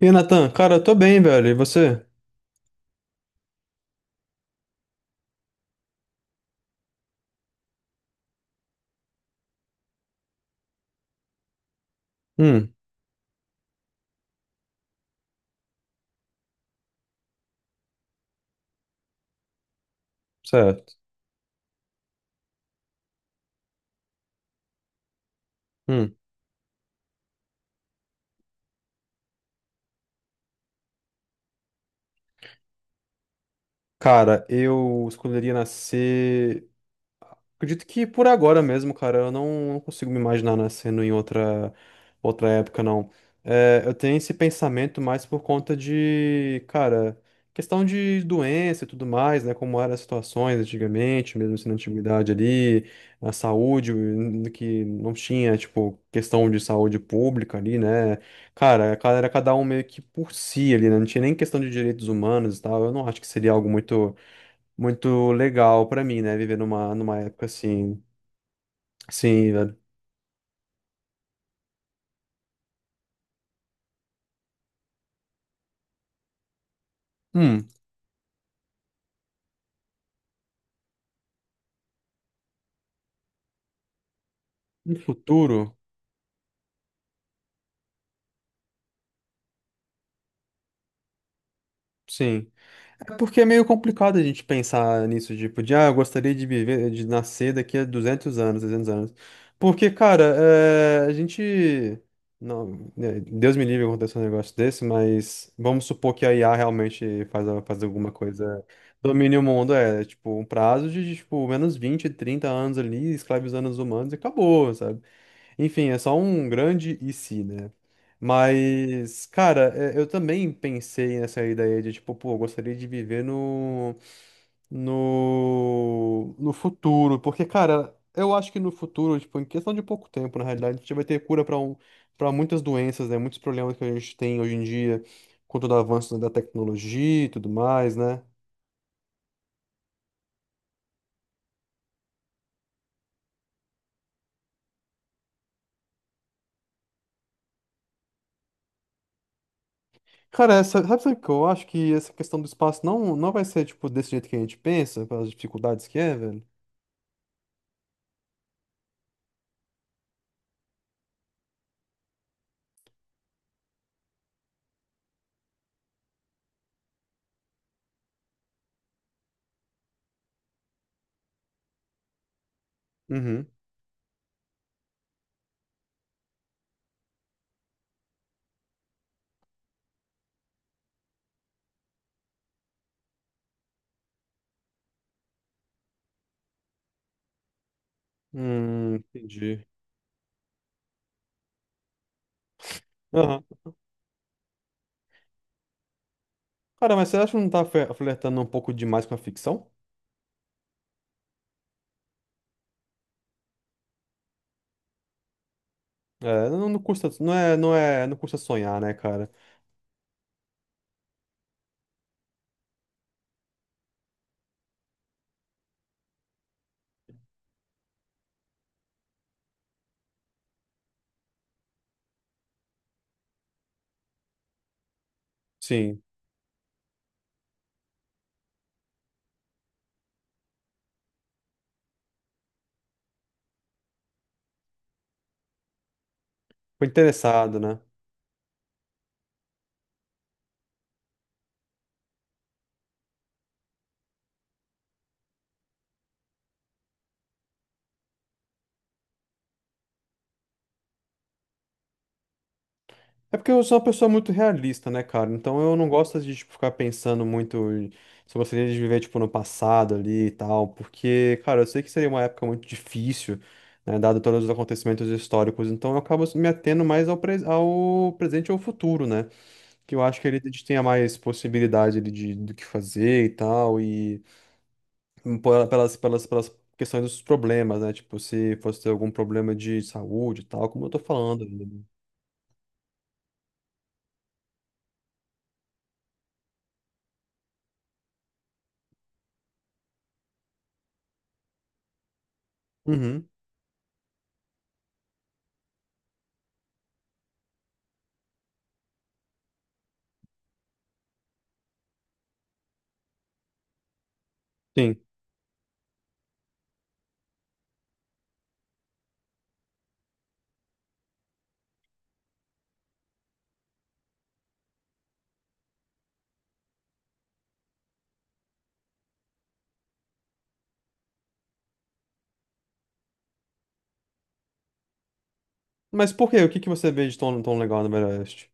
E aí, Natan, cara, eu tô bem, velho. E você? Hum, certo. Hum. Cara, eu escolheria nascer. Acredito que por agora mesmo, cara, eu não, não consigo me imaginar nascendo em outra época, não. É, eu tenho esse pensamento mais por conta de, cara, questão de doença e tudo mais, né? Como eram as situações antigamente, mesmo assim na antiguidade ali, a saúde, que não tinha, tipo, questão de saúde pública ali, né? Cara, era cada um meio que por si ali, né? Não tinha nem questão de direitos humanos e tal. Eu não acho que seria algo muito muito legal pra mim, né? Viver numa época assim. Sim, velho. Hum, no futuro, sim. É porque é meio complicado a gente pensar nisso, tipo, de, ah, eu gostaria de viver, de nascer daqui a 200 anos, 300 anos. Porque, cara, é, a gente. Não, né, Deus me livre acontecer um negócio desse, mas vamos supor que a IA realmente faz, faz alguma coisa. Domine o mundo, é, tipo, um prazo de, tipo, menos 20 30 anos ali, escravizando os humanos e acabou, sabe? Enfim, é só um grande e se, né? Mas, cara, é, eu também pensei nessa ideia de, tipo, pô, eu gostaria de viver no futuro. Porque, cara, eu acho que no futuro, tipo, em questão de pouco tempo, na realidade, a gente vai ter cura para muitas doenças, né? Muitos problemas que a gente tem hoje em dia, com todo o avanço da tecnologia e tudo mais, né? Cara, essa, sabe o que eu acho? Que essa questão do espaço não, não vai ser, tipo, desse jeito que a gente pensa, pelas dificuldades que é, velho. Uhum. Entendi. Aham. Cara, mas você acha que não tá flertando um pouco demais com a ficção? É, não, não custa, não é, não custa sonhar, né, cara? Sim, foi interessado, né? É porque eu sou uma pessoa muito realista, né, cara? Então eu não gosto de, tipo, ficar pensando muito se eu gostaria de viver, tipo, no passado ali e tal, porque, cara, eu sei que seria uma época muito difícil, né, dado todos os acontecimentos históricos, então eu acabo me atendo mais ao presente e ao futuro, né? Que eu acho que ele tenha mais possibilidade ali de, do que fazer e tal, e pelas questões dos problemas, né? Tipo, se fosse ter algum problema de saúde e tal, como eu tô falando ainda, né? Uhum, sim. Mas por quê? O que que você vê de tão, tão legal no Velho Oeste?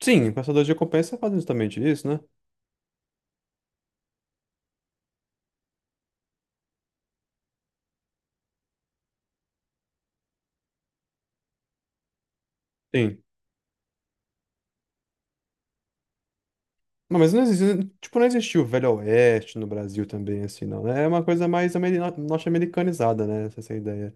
Sim, Caçadores de Recompensa fazem justamente isso, né? Sim. Não, mas não existe, tipo, não existiu o Velho Oeste no Brasil também, assim, não, né? É uma coisa mais norte-americanizada, né? Essa ideia.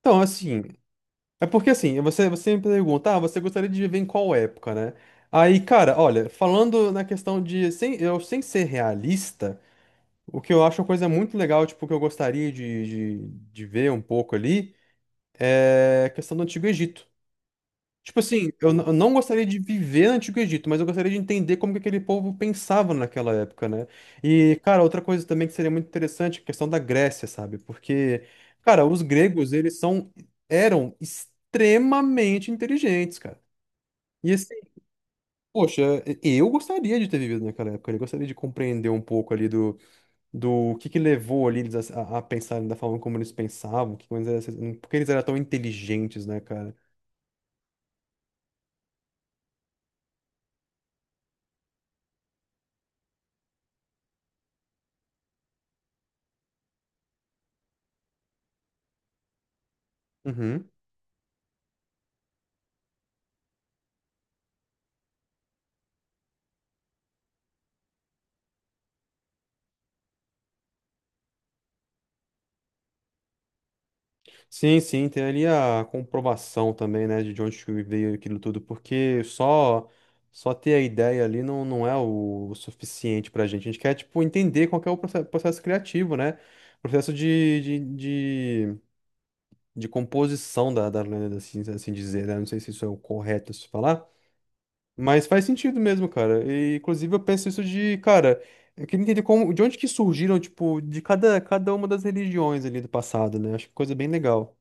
Então, assim, é porque assim, você me pergunta, ah, você gostaria de viver em qual época, né? Aí, cara, olha, falando na questão de, sem, eu, sem ser realista, o que eu acho uma coisa muito legal, tipo, que eu gostaria de ver um pouco ali, é a questão do Antigo Egito. Tipo assim, eu não gostaria de viver no Antigo Egito, mas eu gostaria de entender como que aquele povo pensava naquela época, né? E, cara, outra coisa também que seria muito interessante é a questão da Grécia, sabe? Porque, cara, os gregos, eles são, eram extremamente inteligentes, cara. E assim, poxa, eu gostaria de ter vivido naquela época, eu gostaria de compreender um pouco ali do que levou ali eles a pensarem da forma como eles pensavam, porque eles eram tão inteligentes, né, cara? Uhum. Sim, sim, tem ali a comprovação também, né, de onde que veio aquilo tudo, porque só ter a ideia ali não, não é o suficiente pra gente. A gente quer, tipo, entender qual que é o processo criativo, né? Processo de composição da lenda, assim, assim dizer, né? Não sei se isso é o correto se falar, mas faz sentido mesmo, cara. E, inclusive, eu penso isso de, cara, eu queria entender como, de onde que surgiram, tipo, de cada uma das religiões ali do passado, né? Acho que coisa bem legal.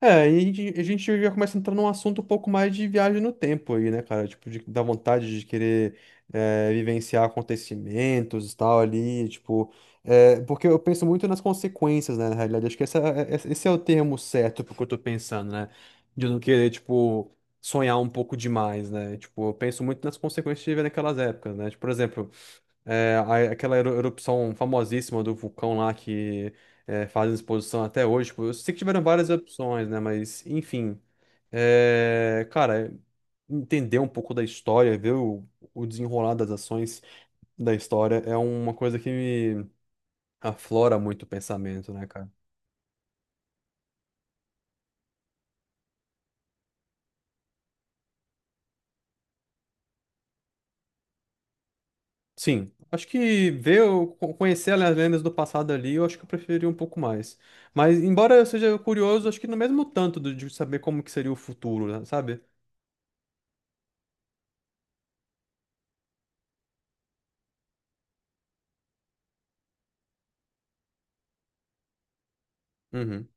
É, aí a gente já começa a entrar num assunto um pouco mais de viagem no tempo aí, né, cara? Tipo, de, da vontade de querer vivenciar acontecimentos e tal ali, tipo. Porque eu penso muito nas consequências, né, na realidade. Acho que esse é o termo certo pro que eu tô pensando, né? De eu não querer, tipo, sonhar um pouco demais, né? Tipo, eu penso muito nas consequências de viver naquelas épocas, né? Tipo, por exemplo. É, aquela erupção famosíssima do vulcão lá fazem exposição até hoje. Tipo, eu sei que tiveram várias opções, né? Mas, enfim. É, cara, entender um pouco da história, ver o desenrolar das ações da história é uma coisa que me aflora muito o pensamento, né, cara? Sim, acho que ver, conhecer as lendas do passado ali, eu acho que eu preferiria um pouco mais. Mas, embora eu seja curioso, acho que no mesmo tanto de saber como que seria o futuro, né, sabe? Uhum.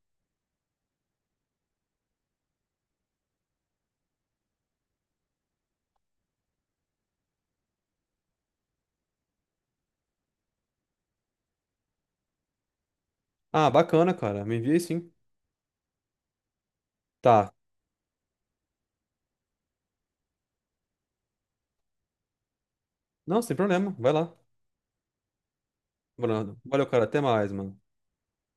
Ah, bacana, cara. Me envia aí sim. Tá. Não, sem problema. Vai lá, Bruno. Valeu, cara. Até mais, mano.